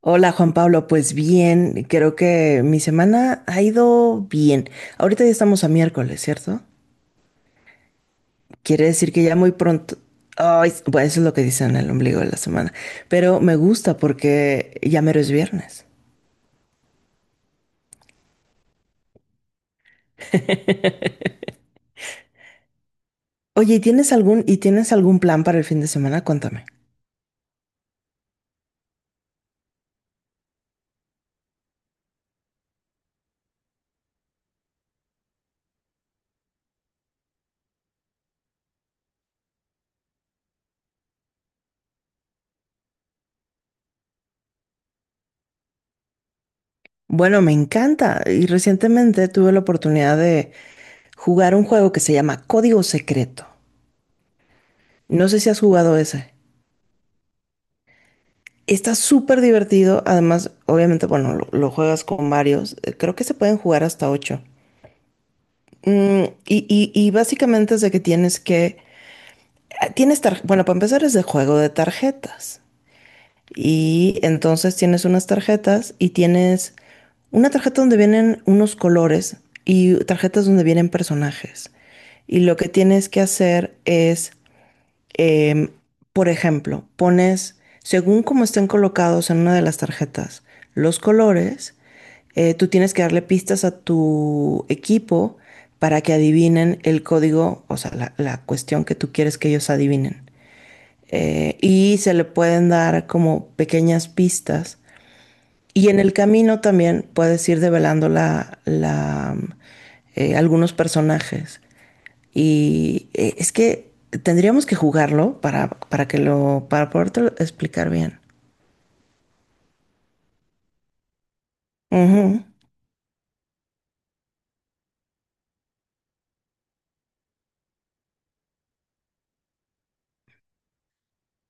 Hola Juan Pablo, pues bien, creo que mi semana ha ido bien. Ahorita ya estamos a miércoles, ¿cierto? Quiere decir que ya muy pronto. Ay, bueno, eso es lo que dicen el ombligo de la semana, pero me gusta porque ya mero es viernes. Oye, ¿y tienes algún plan para el fin de semana? Cuéntame. Bueno, me encanta y recientemente tuve la oportunidad de jugar un juego que se llama Código Secreto. No sé si has jugado ese. Está súper divertido. Además, obviamente, bueno, lo juegas con varios. Creo que se pueden jugar hasta ocho. Y básicamente es de que tienes que. Bueno, para empezar es de juego de tarjetas. Y entonces tienes unas tarjetas y tienes una tarjeta donde vienen unos colores y tarjetas donde vienen personajes. Y lo que tienes que hacer es, Em, por ejemplo, pones, según cómo estén colocados en una de las tarjetas, los colores, tú tienes que darle pistas a tu equipo para que adivinen el código, o sea, la cuestión que tú quieres que ellos adivinen. Y se le pueden dar como pequeñas pistas y en el camino también puedes ir develando algunos personajes. Y es que tendríamos que jugarlo para, para podértelo explicar bien. Ujú.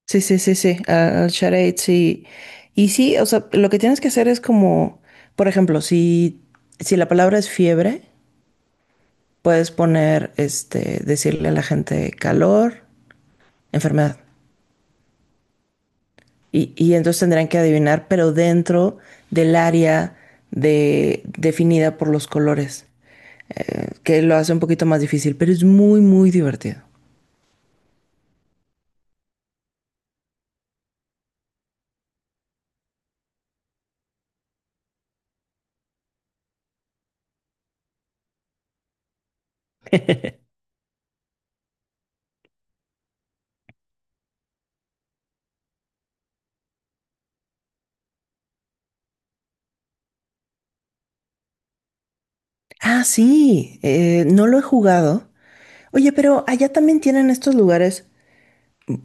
Sí, sí, sí, sí, al charade, sí. Y sí, o sea, lo que tienes que hacer es como, por ejemplo, si, la palabra es fiebre, puedes poner, decirle a la gente calor, enfermedad. Y entonces tendrán que adivinar, pero dentro del área definida por los colores, que lo hace un poquito más difícil, pero es muy, muy divertido. Ah, sí, no lo he jugado. Oye, pero allá también tienen estos lugares.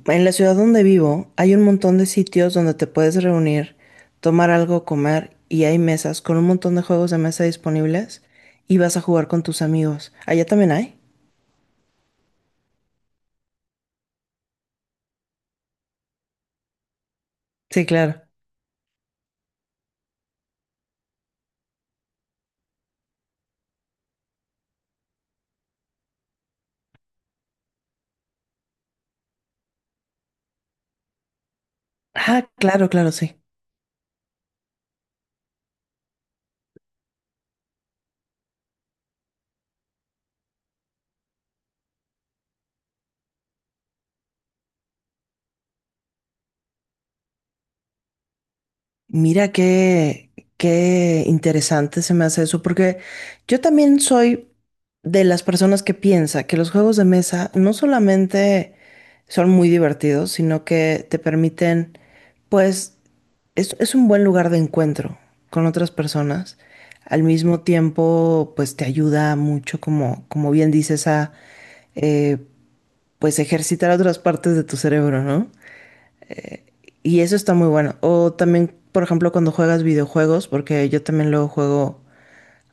En la ciudad donde vivo hay un montón de sitios donde te puedes reunir, tomar algo, comer y hay mesas con un montón de juegos de mesa disponibles y vas a jugar con tus amigos. Allá también hay. Sí, claro. Ah, claro, claro, sí. Mira qué interesante se me hace eso, porque yo también soy de las personas que piensa que los juegos de mesa no solamente son muy divertidos, sino que te permiten, pues, es un buen lugar de encuentro con otras personas. Al mismo tiempo, pues te ayuda mucho, como bien dices, a, eh, pues, ejercitar otras partes de tu cerebro, ¿no? Y eso está muy bueno. O también, por ejemplo, cuando juegas videojuegos, porque yo también lo juego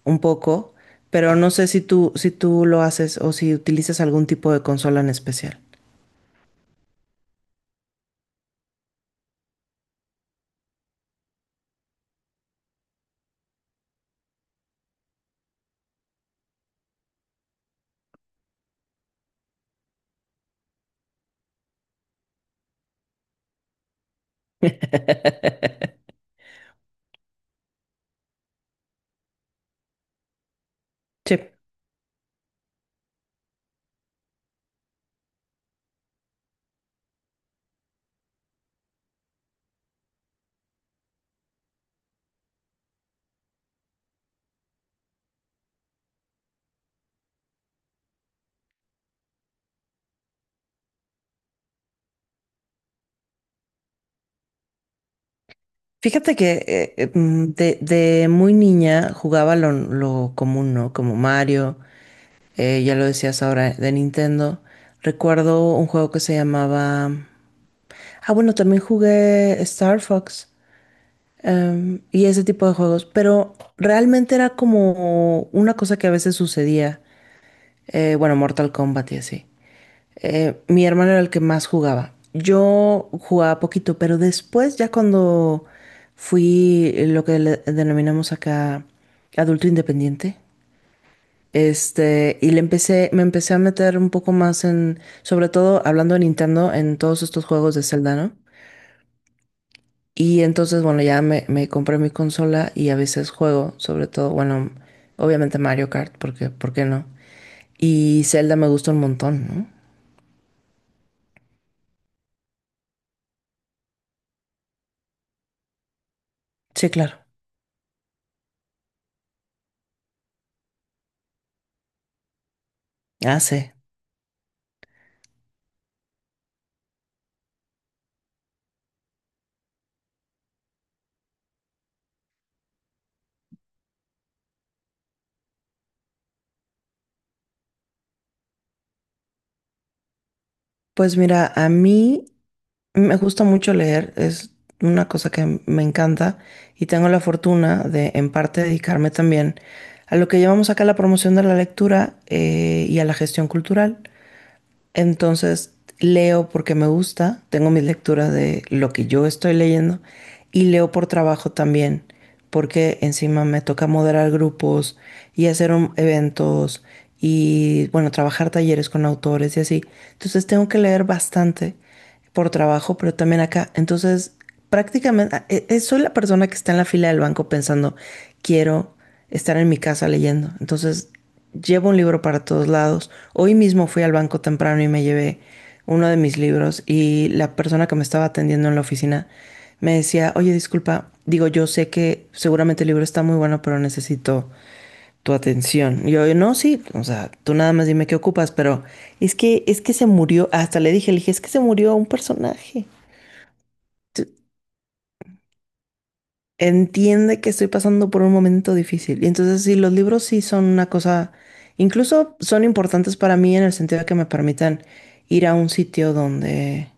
un poco, pero no sé si tú lo haces o si utilizas algún tipo de consola en especial. Sí. Fíjate que de muy niña jugaba lo común, ¿no? Como Mario, ya lo decías ahora de Nintendo. Recuerdo un juego que se llamaba. Ah, bueno, también jugué Star Fox. Y ese tipo de juegos. Pero realmente era como una cosa que a veces sucedía. Bueno, Mortal Kombat y así. Mi hermano era el que más jugaba. Yo jugaba poquito, pero después, ya cuando fui lo que le denominamos acá adulto independiente, me empecé a meter un poco más en, sobre todo hablando de Nintendo, en todos estos juegos de Zelda, ¿no? Y entonces, bueno, ya me compré mi consola y a veces juego, sobre todo, bueno, obviamente Mario Kart, porque, ¿por qué no? Y Zelda me gusta un montón, ¿no? Sí, claro. Ah, sí. Pues mira, a mí me gusta mucho leer, es una cosa que me encanta y tengo la fortuna de en parte dedicarme también a lo que llamamos acá la promoción de la lectura, y a la gestión cultural. Entonces leo porque me gusta, tengo mis lecturas de lo que yo estoy leyendo y leo por trabajo también, porque encima me toca moderar grupos y hacer eventos y bueno, trabajar talleres con autores y así. Entonces tengo que leer bastante por trabajo, pero también acá. Entonces, prácticamente, soy la persona que está en la fila del banco pensando, quiero estar en mi casa leyendo. Entonces, llevo un libro para todos lados. Hoy mismo fui al banco temprano y me llevé uno de mis libros y la persona que me estaba atendiendo en la oficina me decía, oye, disculpa, digo, yo sé que seguramente el libro está muy bueno, pero necesito tu atención. Y yo, no, sí, o sea, tú nada más dime qué ocupas, pero es que se murió, hasta le dije, es que se murió un personaje. Entiende que estoy pasando por un momento difícil. Y entonces, sí, los libros sí son una cosa, incluso son importantes para mí en el sentido de que me permitan ir a un sitio donde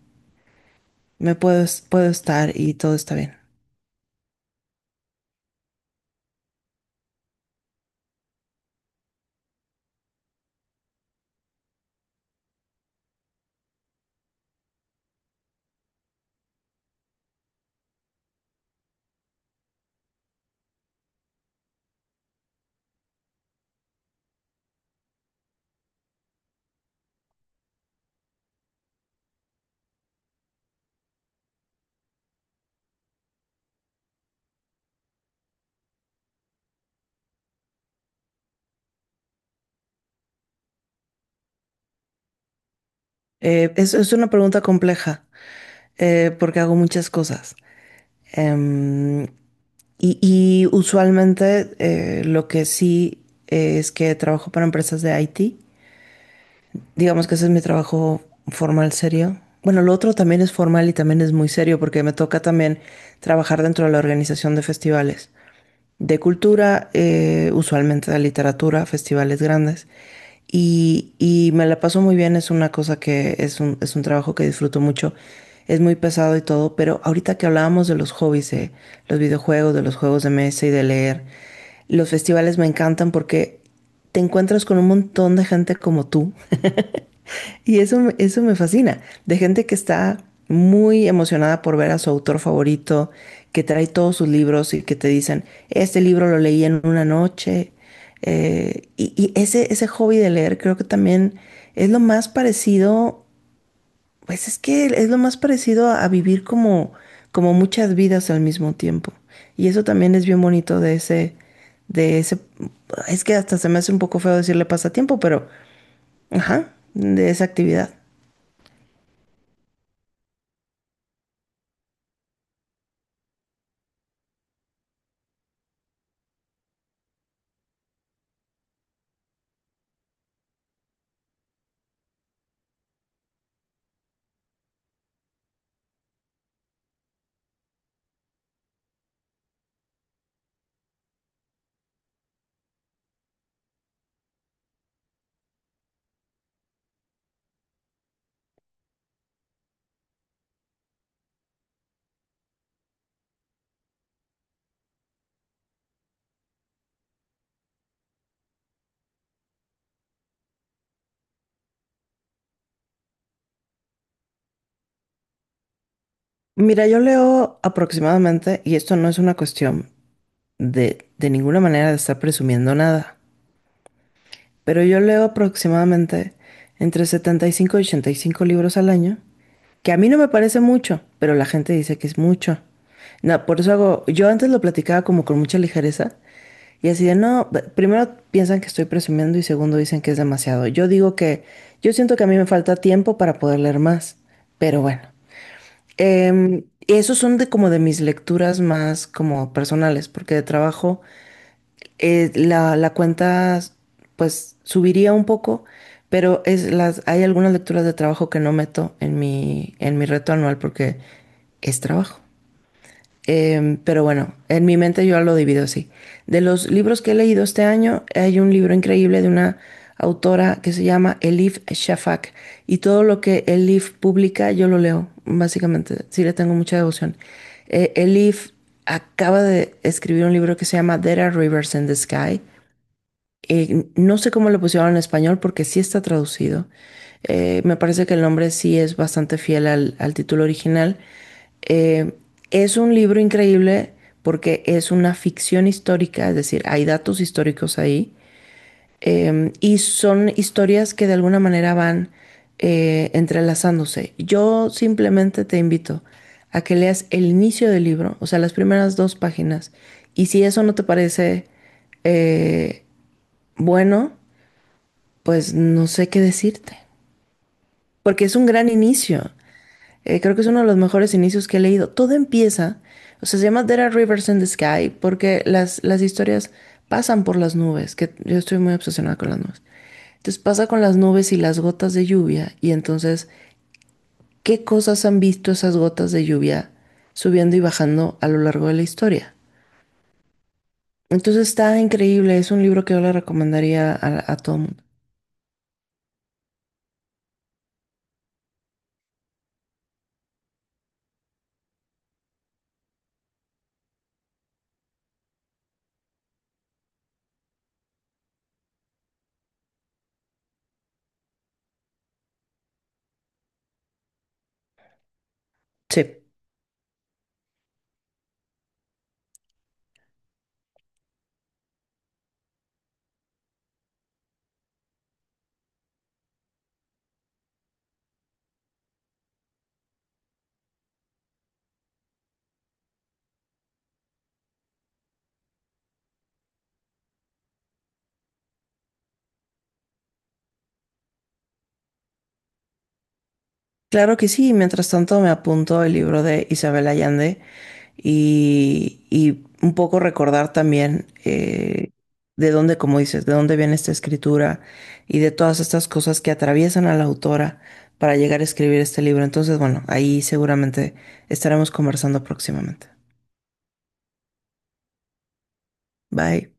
puedo estar y todo está bien. Es una pregunta compleja, porque hago muchas cosas. Em, y usualmente lo que sí es que trabajo para empresas de IT. Digamos que ese es mi trabajo formal serio. Bueno, lo otro también es formal y también es muy serio porque me toca también trabajar dentro de la organización de festivales de cultura, usualmente de literatura, festivales grandes. Y me la paso muy bien, es una cosa que es un, trabajo que disfruto mucho. Es muy pesado y todo, pero ahorita que hablábamos de los hobbies, de los videojuegos, de los juegos de mesa y de leer, los festivales me encantan porque te encuentras con un montón de gente como tú, y eso, eso me fascina, de gente que está muy emocionada por ver a su autor favorito, que trae todos sus libros y que te dicen, este libro lo leí en una noche. Ese hobby de leer creo que también es lo más parecido, pues es que es lo más parecido a vivir como muchas vidas al mismo tiempo. Y eso también es bien bonito de ese, es que hasta se me hace un poco feo decirle pasatiempo, pero, ajá, de esa actividad. Mira, yo leo aproximadamente, y esto no es una cuestión de ninguna manera de estar presumiendo nada, pero yo leo aproximadamente entre 75 y 85 libros al año, que a mí no me parece mucho, pero la gente dice que es mucho. No, por eso hago, yo antes lo platicaba como con mucha ligereza, y así de, no, primero piensan que estoy presumiendo y segundo dicen que es demasiado. Yo digo que yo siento que a mí me falta tiempo para poder leer más, pero bueno. Y esos son de como de mis lecturas más como personales, porque de trabajo la cuenta pues subiría un poco, pero hay algunas lecturas de trabajo que no meto en mi reto anual porque es trabajo. Pero bueno, en mi mente yo lo divido así. De los libros que he leído este año, hay un libro increíble de una autora que se llama Elif Shafak. Y todo lo que Elif publica, yo lo leo, básicamente. Sí, le tengo mucha devoción. Elif acaba de escribir un libro que se llama There Are Rivers in the Sky. No sé cómo lo pusieron en español porque sí está traducido. Me parece que el nombre sí es bastante fiel al, título original. Eh, es un libro increíble porque es una ficción histórica, es decir, hay datos históricos ahí, y son historias que de alguna manera van entrelazándose. Yo simplemente te invito a que leas el inicio del libro, o sea, las primeras dos páginas, y si eso no te parece, eh, bueno, pues no sé qué decirte, porque es un gran inicio. Creo que es uno de los mejores inicios que he leído. Todo empieza, o sea, se llama There are Rivers in the Sky, porque las historias pasan por las nubes, que yo estoy muy obsesionada con las nubes. Entonces pasa con las nubes y las gotas de lluvia, y entonces, ¿qué cosas han visto esas gotas de lluvia subiendo y bajando a lo largo de la historia? Entonces está increíble, es un libro que yo le recomendaría a, todo el mundo. Sí. Claro que sí, mientras tanto me apunto el libro de Isabel Allende y un poco recordar también de dónde, como dices, de dónde viene esta escritura y de todas estas cosas que atraviesan a la autora para llegar a escribir este libro. Entonces, bueno, ahí seguramente estaremos conversando próximamente. Bye.